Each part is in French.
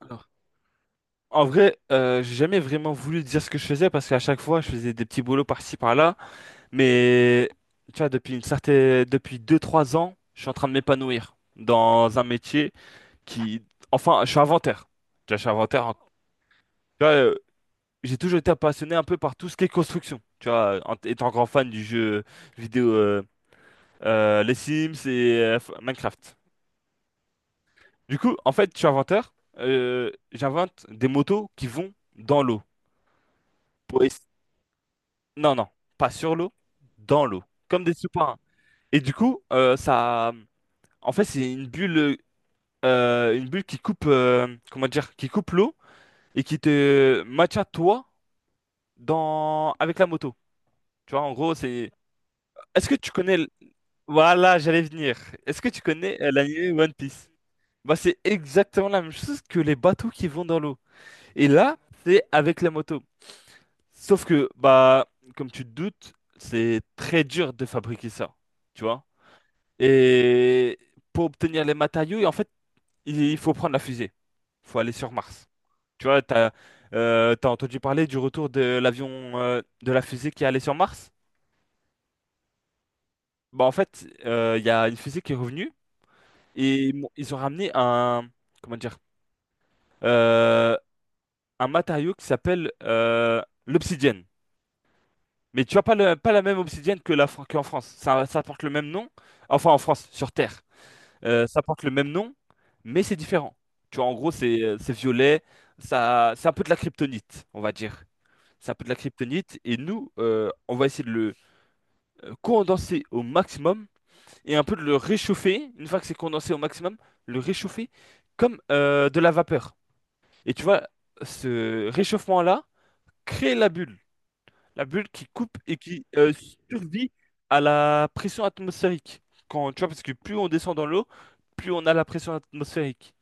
Alors, en vrai, j'ai jamais vraiment voulu dire ce que je faisais parce qu'à chaque fois, je faisais des petits boulots par-ci par-là. Mais tu vois, depuis deux trois ans, je suis en train de m'épanouir dans un métier qui, je suis inventaire. Tu vois, je suis inventaire. Tu vois, j'ai toujours été passionné un peu par tout ce qui est construction. Tu vois, en étant grand fan du jeu vidéo, les Sims et Minecraft. Du coup, en fait, je suis inventeur. J'invente des motos qui vont dans l'eau. Non, non, pas sur l'eau, dans l'eau, comme des sous-marins. Et du coup, ça, en fait, c'est une bulle qui coupe, qui coupe l'eau et qui te maintient toi dans avec la moto. Tu vois, en gros, c'est. Est-ce que tu connais, l- Voilà, j'allais venir. Est-ce que tu connais l'anime One Piece? Bah, c'est exactement la même chose que les bateaux qui vont dans l'eau. Et là, c'est avec la moto. Sauf que, bah, comme tu te doutes, c'est très dur de fabriquer ça. Tu vois? Et pour obtenir les matériaux, et en fait, il faut prendre la fusée. Il faut aller sur Mars. Tu vois, t'as entendu parler du retour de l'avion, de la fusée qui est allée sur Mars? Bah, en fait, il y a une fusée qui est revenue et ils ont ramené un, comment dire, euh, un matériau qui s'appelle l'obsidienne. Mais tu vois, pas la même obsidienne que qu'en France. Ça porte le même nom, enfin en France, sur Terre. Ça porte le même nom, mais c'est différent. Tu vois, en gros, c'est violet, ça, c'est un peu de la kryptonite, on va dire. C'est un peu de la kryptonite, et nous, on va essayer de le condenser au maximum et un peu de le réchauffer. Une fois que c'est condensé au maximum, le réchauffer comme de la vapeur. Et tu vois, ce réchauffement-là crée la bulle qui coupe et qui survit à la pression atmosphérique. Quand, tu vois, parce que plus on descend dans l'eau, plus on a la pression atmosphérique.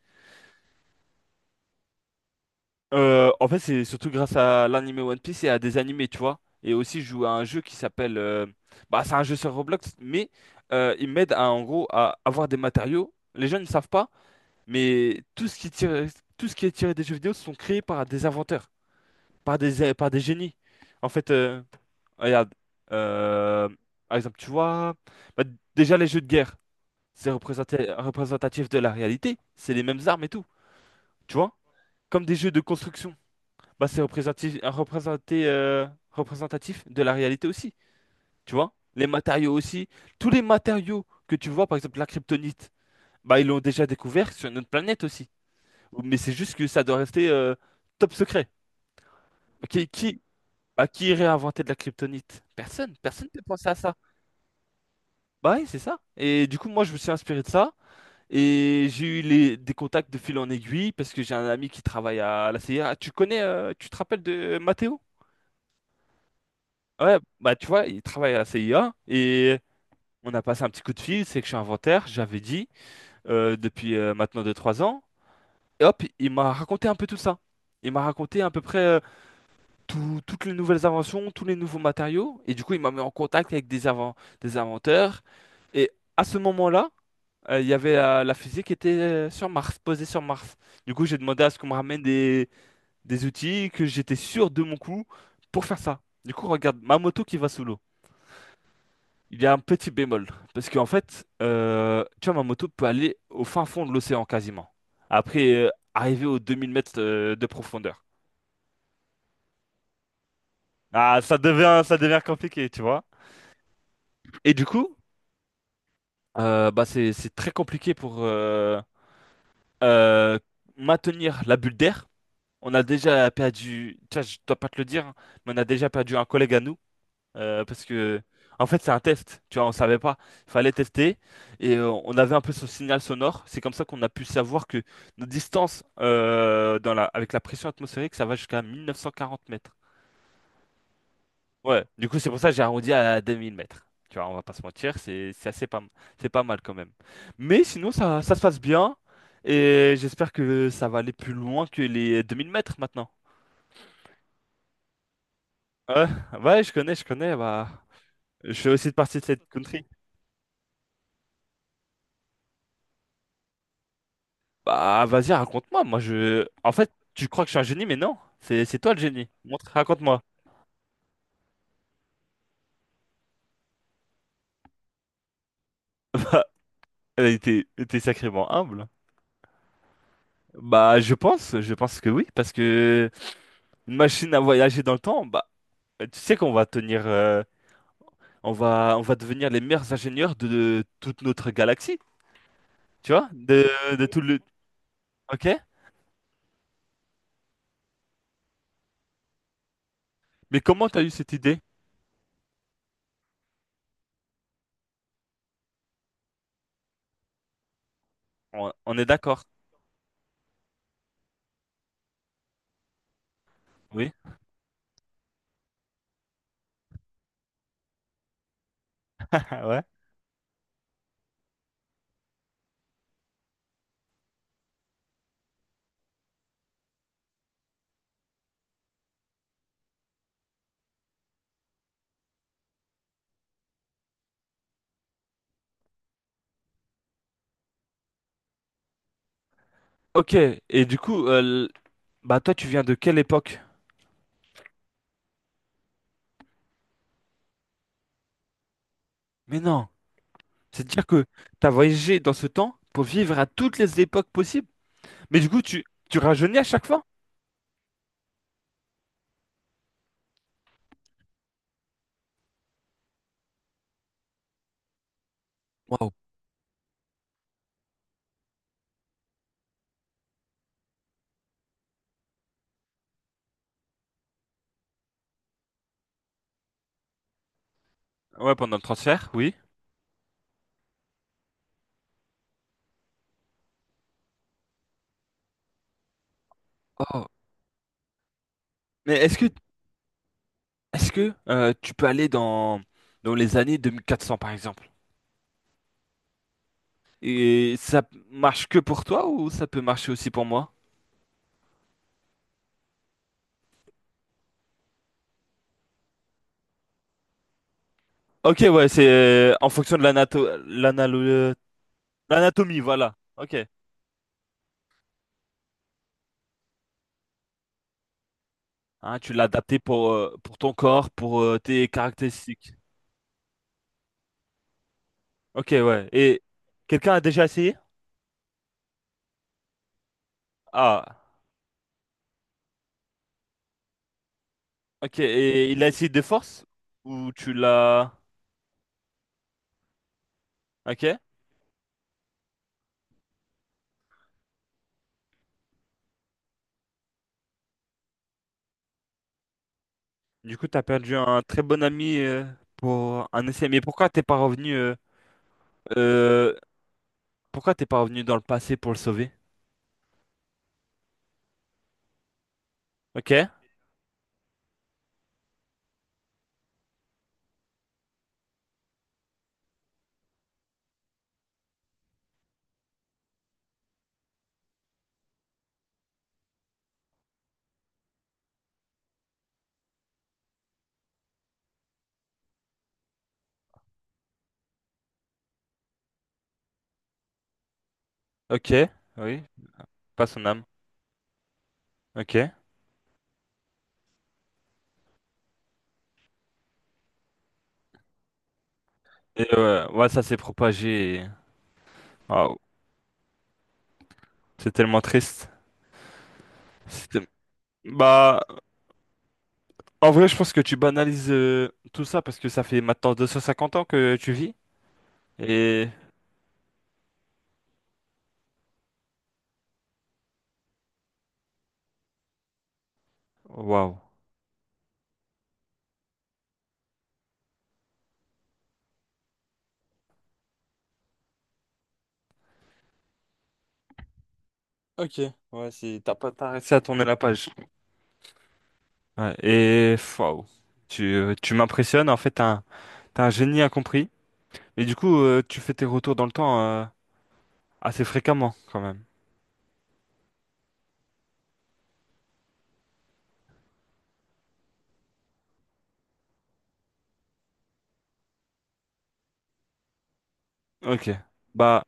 En fait, c'est surtout grâce à l'anime One Piece et à des animés, tu vois. Et aussi, je joue à un jeu qui s'appelle... bah, c'est un jeu sur Roblox, mais il m'aide à, en gros, à avoir des matériaux. Les gens ne savent pas, mais tout ce qui est tiré des jeux vidéo sont créés par des inventeurs, par des génies. En fait, regarde, euh, par exemple, tu vois, bah, déjà les jeux de guerre, c'est représentatif de la réalité. C'est les mêmes armes et tout, tu vois. Comme des jeux de construction bah, c'est représentatif de la réalité aussi. Tu vois? Les matériaux aussi. Tous les matériaux que tu vois, par exemple la kryptonite, bah, ils l'ont déjà découvert sur notre planète aussi. Mais c'est juste que ça doit rester top secret. Qui, qui, Bah, qui irait inventer de la kryptonite? Personne. Personne ne pensé à ça. Bah oui, c'est ça. Et du coup, moi, je me suis inspiré de ça. Et j'ai eu des contacts de fil en aiguille parce que j'ai un ami qui travaille à la CIA. Tu connais, tu te rappelles de Mathéo? Ouais, bah tu vois, il travaille à la CIA et on a passé un petit coup de fil, c'est que je suis inventaire, j'avais dit, depuis maintenant deux trois ans. Et hop, il m'a raconté un peu tout ça. Il m'a raconté à peu près toutes les nouvelles inventions, tous les nouveaux matériaux. Et du coup, il m'a mis en contact avec des inventeurs. Et à ce moment-là, il y avait la fusée qui était sur Mars, posée sur Mars. Du coup, j'ai demandé à ce qu'on me ramène des outils, que j'étais sûr de mon coup pour faire ça. Du coup, regarde, ma moto qui va sous l'eau. Il y a un petit bémol, parce qu'en fait, tu vois, ma moto peut aller au fin fond de l'océan quasiment. Après, arriver aux 2000 mètres de profondeur. Ça devient compliqué, tu vois. Et du coup, bah c'est très compliqué pour euh, maintenir la bulle d'air. On a déjà perdu, tiens, je dois pas te le dire, hein, mais on a déjà perdu un collègue à nous. Parce que, en fait, c'est un test. Tu vois, on savait pas. Il fallait tester. Et on avait un peu ce signal sonore. C'est comme ça qu'on a pu savoir que nos distances avec la pression atmosphérique, ça va jusqu'à 1940 mètres. Ouais. Du coup, c'est pour ça que j'ai arrondi à 2000 mètres. Tu vois, on va pas se mentir. C'est assez pas, m- c'est pas mal quand même. Mais sinon, ça se passe bien. Et j'espère que ça va aller plus loin que les 2000 mètres maintenant. Ouais, ouais, je connais, je connais. Bah, je fais aussi partie de cette country. Bah, vas-y, raconte-moi. Moi, je. En fait, tu crois que je suis un génie, mais non. C'est toi le génie. Montre, raconte-moi. T'es sacrément humble. Bah, je pense que oui, parce que une machine à voyager dans le temps, bah, tu sais qu'on va tenir, on va devenir les meilleurs ingénieurs de toute notre galaxie, tu vois, de tout le. Ok? Mais comment t'as eu cette idée? On est d'accord. Oui. ouais. Ok. Et du coup, bah toi, tu viens de quelle époque? Mais non. C'est-à-dire que tu as voyagé dans ce temps pour vivre à toutes les époques possibles. Mais du coup, tu rajeunis à chaque fois? Waouh. Ouais, pendant le transfert, oui. Oh. Mais est-ce que tu peux aller dans les années 2400 par exemple? Et ça marche que pour toi ou ça peut marcher aussi pour moi? Ok, ouais, c'est en fonction de l'anatomie, voilà. Ok. Hein, tu l'as adapté pour ton corps, pour tes caractéristiques. Ok, ouais. Et quelqu'un a déjà essayé? Ah. Ok, et il a essayé de force? Ou tu l'as... Ok. Du coup, t'as perdu un très bon ami pour un essai. Mais euh, pourquoi t'es pas revenu dans le passé pour le sauver? Ok, ok, oui, pas son âme. Ok. Et ouais, ça s'est propagé. Et- Waouh, c'est tellement triste. C'était- Bah, en vrai, je pense que tu banalises tout ça parce que ça fait maintenant 250 ans que tu vis. Et waouh. Ok, ouais, c'est t'as pas t'as réussi à tourner la page. Ouais, et waouh, tu m'impressionnes. En fait, t'as un génie incompris. Mais du coup, tu fais tes retours dans le temps assez fréquemment, quand même. Ok. Bah,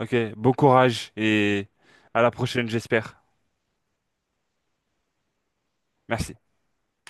ok. Bon courage et à la prochaine, j'espère. Merci.